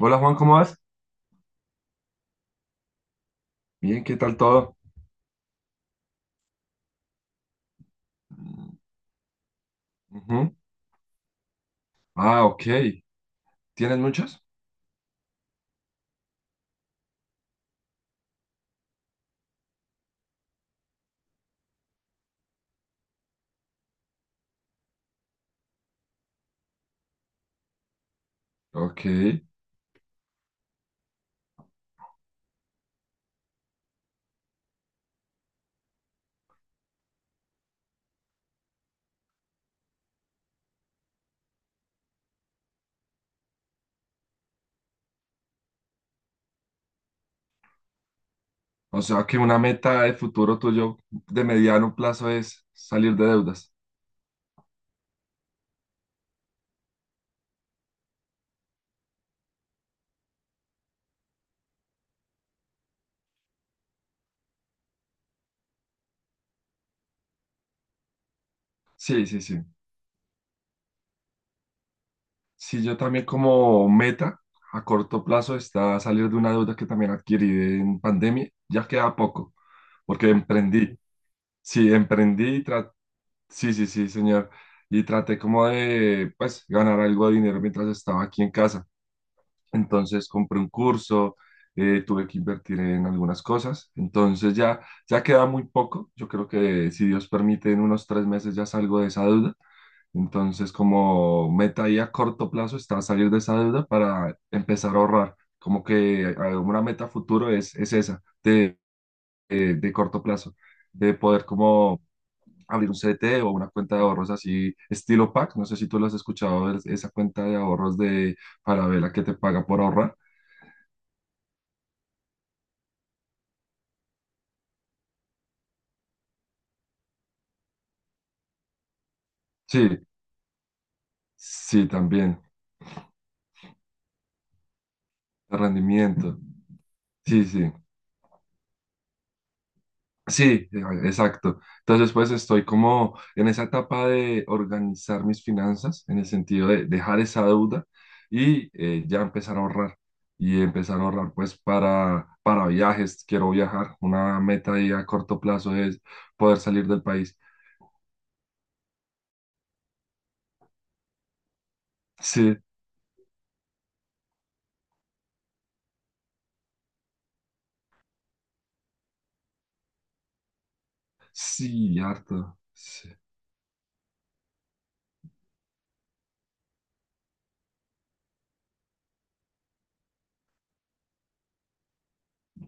Hola Juan, ¿cómo vas? Bien, ¿qué tal todo? Mm, ujú. Ah, ok. ¿Tienes muchos? Ok. O sea que una meta de futuro tuyo de mediano plazo es salir de deudas. Sí, sí, sí. Sí, yo también como meta a corto plazo está salir de una deuda que también adquirí en pandemia. Ya queda poco, porque emprendí. Sí, emprendí y Sí, sí, sí, señor. Y traté como de, pues, ganar algo de dinero mientras estaba aquí en casa. Entonces compré un curso, tuve que invertir en algunas cosas. Entonces ya queda muy poco. Yo creo que si Dios permite, en unos 3 meses ya salgo de esa deuda. Entonces como meta ahí a corto plazo está salir de esa deuda para empezar a ahorrar. Como que una meta futuro es esa, de corto plazo, de poder como abrir un CDT o una cuenta de ahorros así, estilo PAC. No sé si tú lo has escuchado, esa cuenta de ahorros de Falabella que te paga por ahorrar. Sí, sí, también, de rendimiento, sí, sí, sí, exacto. Entonces, pues estoy como en esa etapa de organizar mis finanzas, en el sentido de dejar esa deuda y ya empezar a ahorrar. Y empezar a ahorrar, pues, para viajes, quiero viajar. Una meta ahí a corto plazo es poder salir del país. Sí, sí, harto. Sí.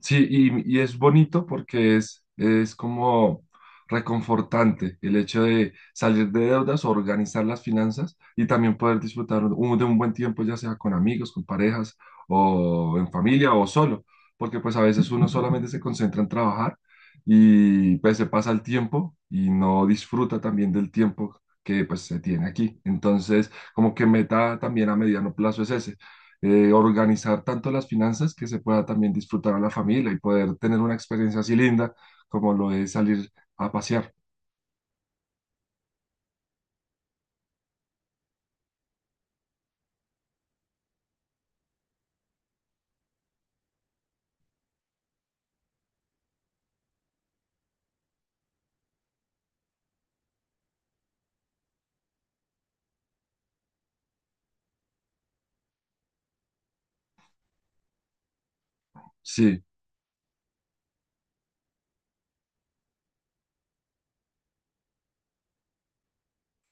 Sí, y es bonito porque es como reconfortante el hecho de salir de deudas, organizar las finanzas y también poder disfrutar de un buen tiempo, ya sea con amigos, con parejas o en familia o solo, porque pues a veces uno solamente se concentra en trabajar y pues se pasa el tiempo y no disfruta también del tiempo que pues se tiene aquí. Entonces, como que meta también a mediano plazo es ese organizar tanto las finanzas que se pueda también disfrutar a la familia y poder tener una experiencia así linda como lo es salir a pasear. Sí,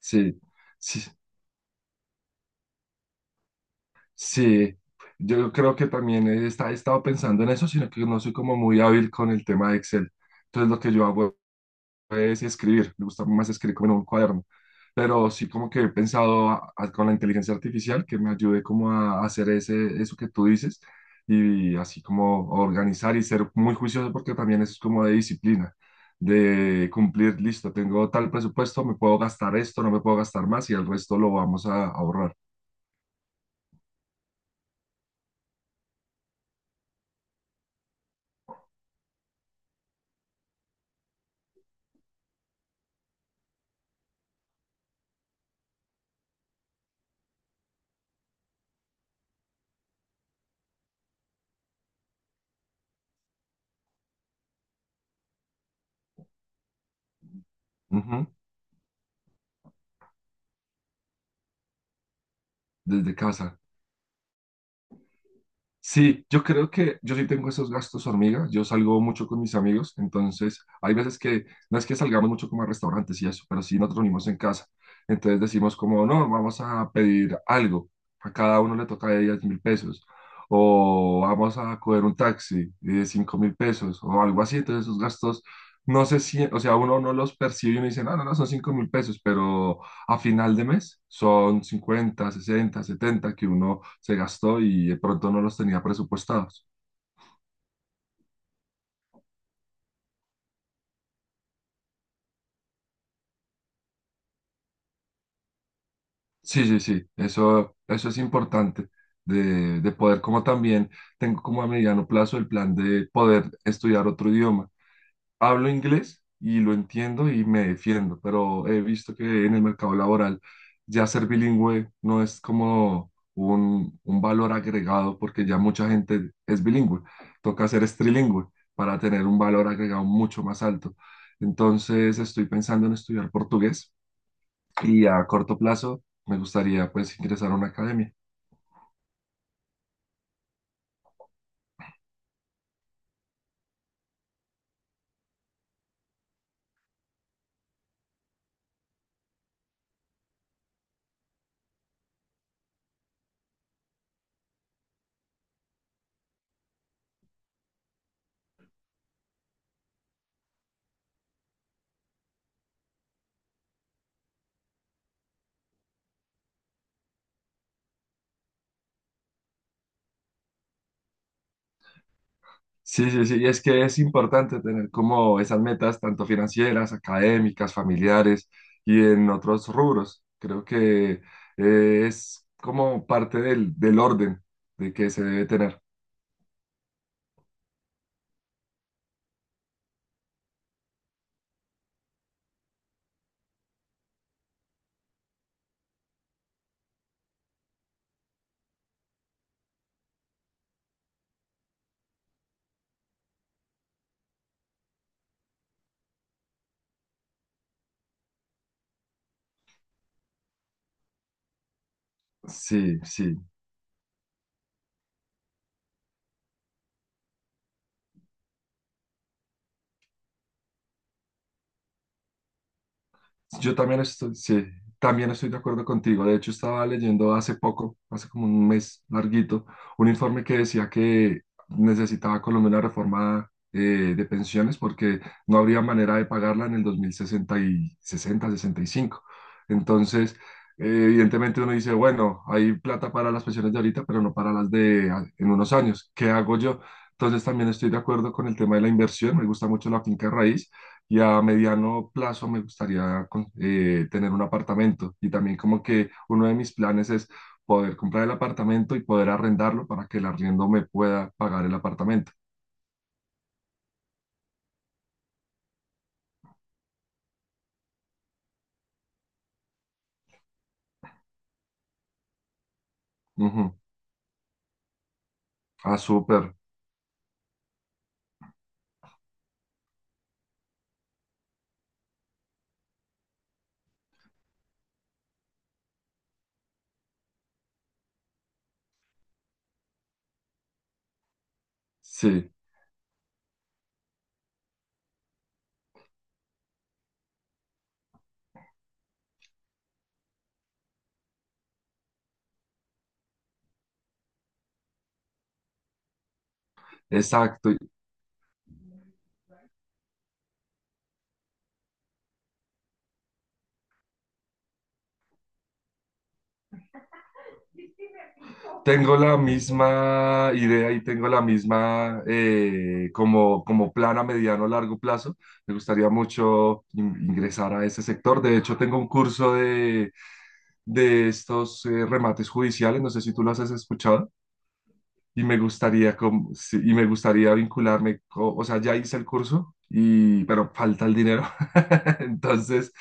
sí, sí, sí. Yo creo que también he estado pensando en eso, sino que no soy como muy hábil con el tema de Excel. Entonces lo que yo hago es escribir, me gusta más escribir como en un cuaderno, pero sí como que he pensado con la inteligencia artificial que me ayude como a hacer ese, eso que tú dices y así como organizar y ser muy juicioso porque también eso es como de disciplina, de cumplir, listo, tengo tal presupuesto, me puedo gastar esto, no me puedo gastar más y el resto lo vamos a ahorrar. Ujú, desde casa. Sí, yo creo que yo sí tengo esos gastos hormigas. Yo salgo mucho con mis amigos, entonces hay veces que no es que salgamos mucho como a restaurantes y eso, pero sí nos reunimos en casa. Entonces decimos como, no, vamos a pedir algo. A cada uno le toca de 10 mil pesos. O vamos a coger un taxi de 5.000 pesos o algo así. Entonces esos gastos, no sé si, o sea, uno no los percibe y uno dice, no, no, no, son 5.000 pesos, pero a final de mes son 50 60 70 que uno se gastó y de pronto no los tenía presupuestados. Sí, sí, sí, eso es importante de, poder como también tengo como a mediano plazo el plan de poder estudiar otro idioma. Hablo inglés y lo entiendo y me defiendo, pero he visto que en el mercado laboral ya ser bilingüe no es como un valor agregado porque ya mucha gente es bilingüe. Toca ser es trilingüe para tener un valor agregado mucho más alto. Entonces estoy pensando en estudiar portugués y a corto plazo me gustaría pues ingresar a una academia. Sí, sí, sí, y es que es importante tener como esas metas tanto financieras, académicas, familiares y en otros rubros. Creo que es como parte del orden de que se debe tener. Sí, sí. Yo también estoy, sí, también estoy de acuerdo contigo. De hecho, estaba leyendo hace poco, hace como un mes larguito, un informe que decía que necesitaba Colombia una reforma de pensiones porque no habría manera de pagarla en el 2060 y 60, 65. Entonces, evidentemente uno dice, bueno, hay plata para las pensiones de ahorita, pero no para las de en unos años. ¿Qué hago yo? Entonces, también estoy de acuerdo con el tema de la inversión. Me gusta mucho la finca raíz y a mediano plazo me gustaría tener un apartamento. Y también como que uno de mis planes es poder comprar el apartamento y poder arrendarlo para que el arriendo me pueda pagar el apartamento. Ujú. Ah, súper. Sí, exacto. Tengo la misma idea y tengo la misma como, como plan a mediano o largo plazo. Me gustaría mucho ingresar a ese sector. De hecho, tengo un curso de, estos remates judiciales. No sé si tú los has escuchado. Y me gustaría, sí, y me gustaría vincularme, o sea, ya hice el curso, y, pero falta el dinero. Entonces,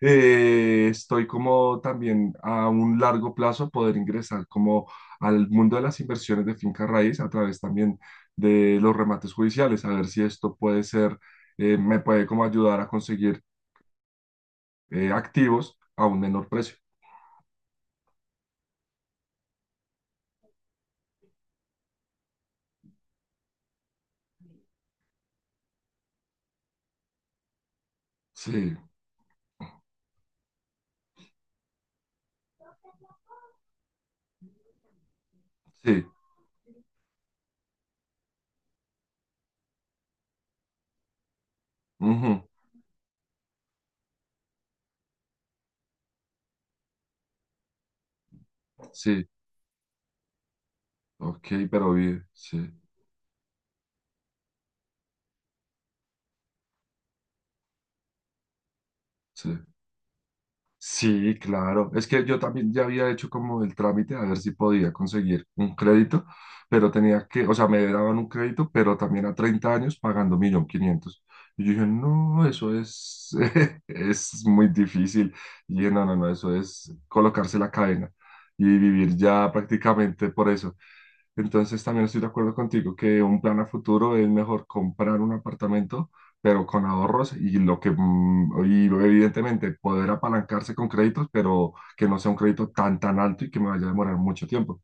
estoy como también a un largo plazo poder ingresar como al mundo de las inversiones de finca raíz a través también de los remates judiciales, a ver si esto puede ser, me puede como ayudar a conseguir activos a un menor precio. Sí, sí, ujú, sí, ok, pero bien, sí, sí. Sí, claro. Es que yo también ya había hecho como el trámite a ver si podía conseguir un crédito, pero tenía que, o sea, me daban un crédito, pero también a 30 años pagando 1.500.000. Y yo dije, no, eso es, es muy difícil. Y dije, no, no, no, eso es colocarse la cadena y vivir ya prácticamente por eso. Entonces también estoy de acuerdo contigo que un plan a futuro es mejor comprar un apartamento pero con ahorros y lo que, y evidentemente poder apalancarse con créditos, pero que no sea un crédito tan, tan alto y que me vaya a demorar mucho tiempo.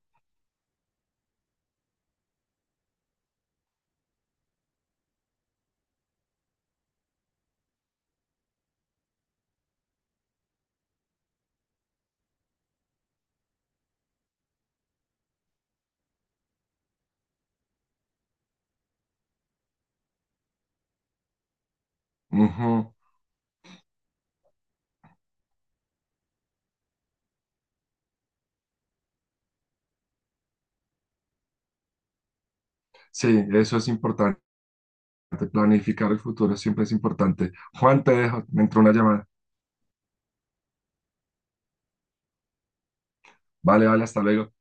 Ujú. Sí, eso es importante. Planificar el futuro siempre es importante. Juan, te dejo, me entró una llamada. Vale, vale, hasta luego.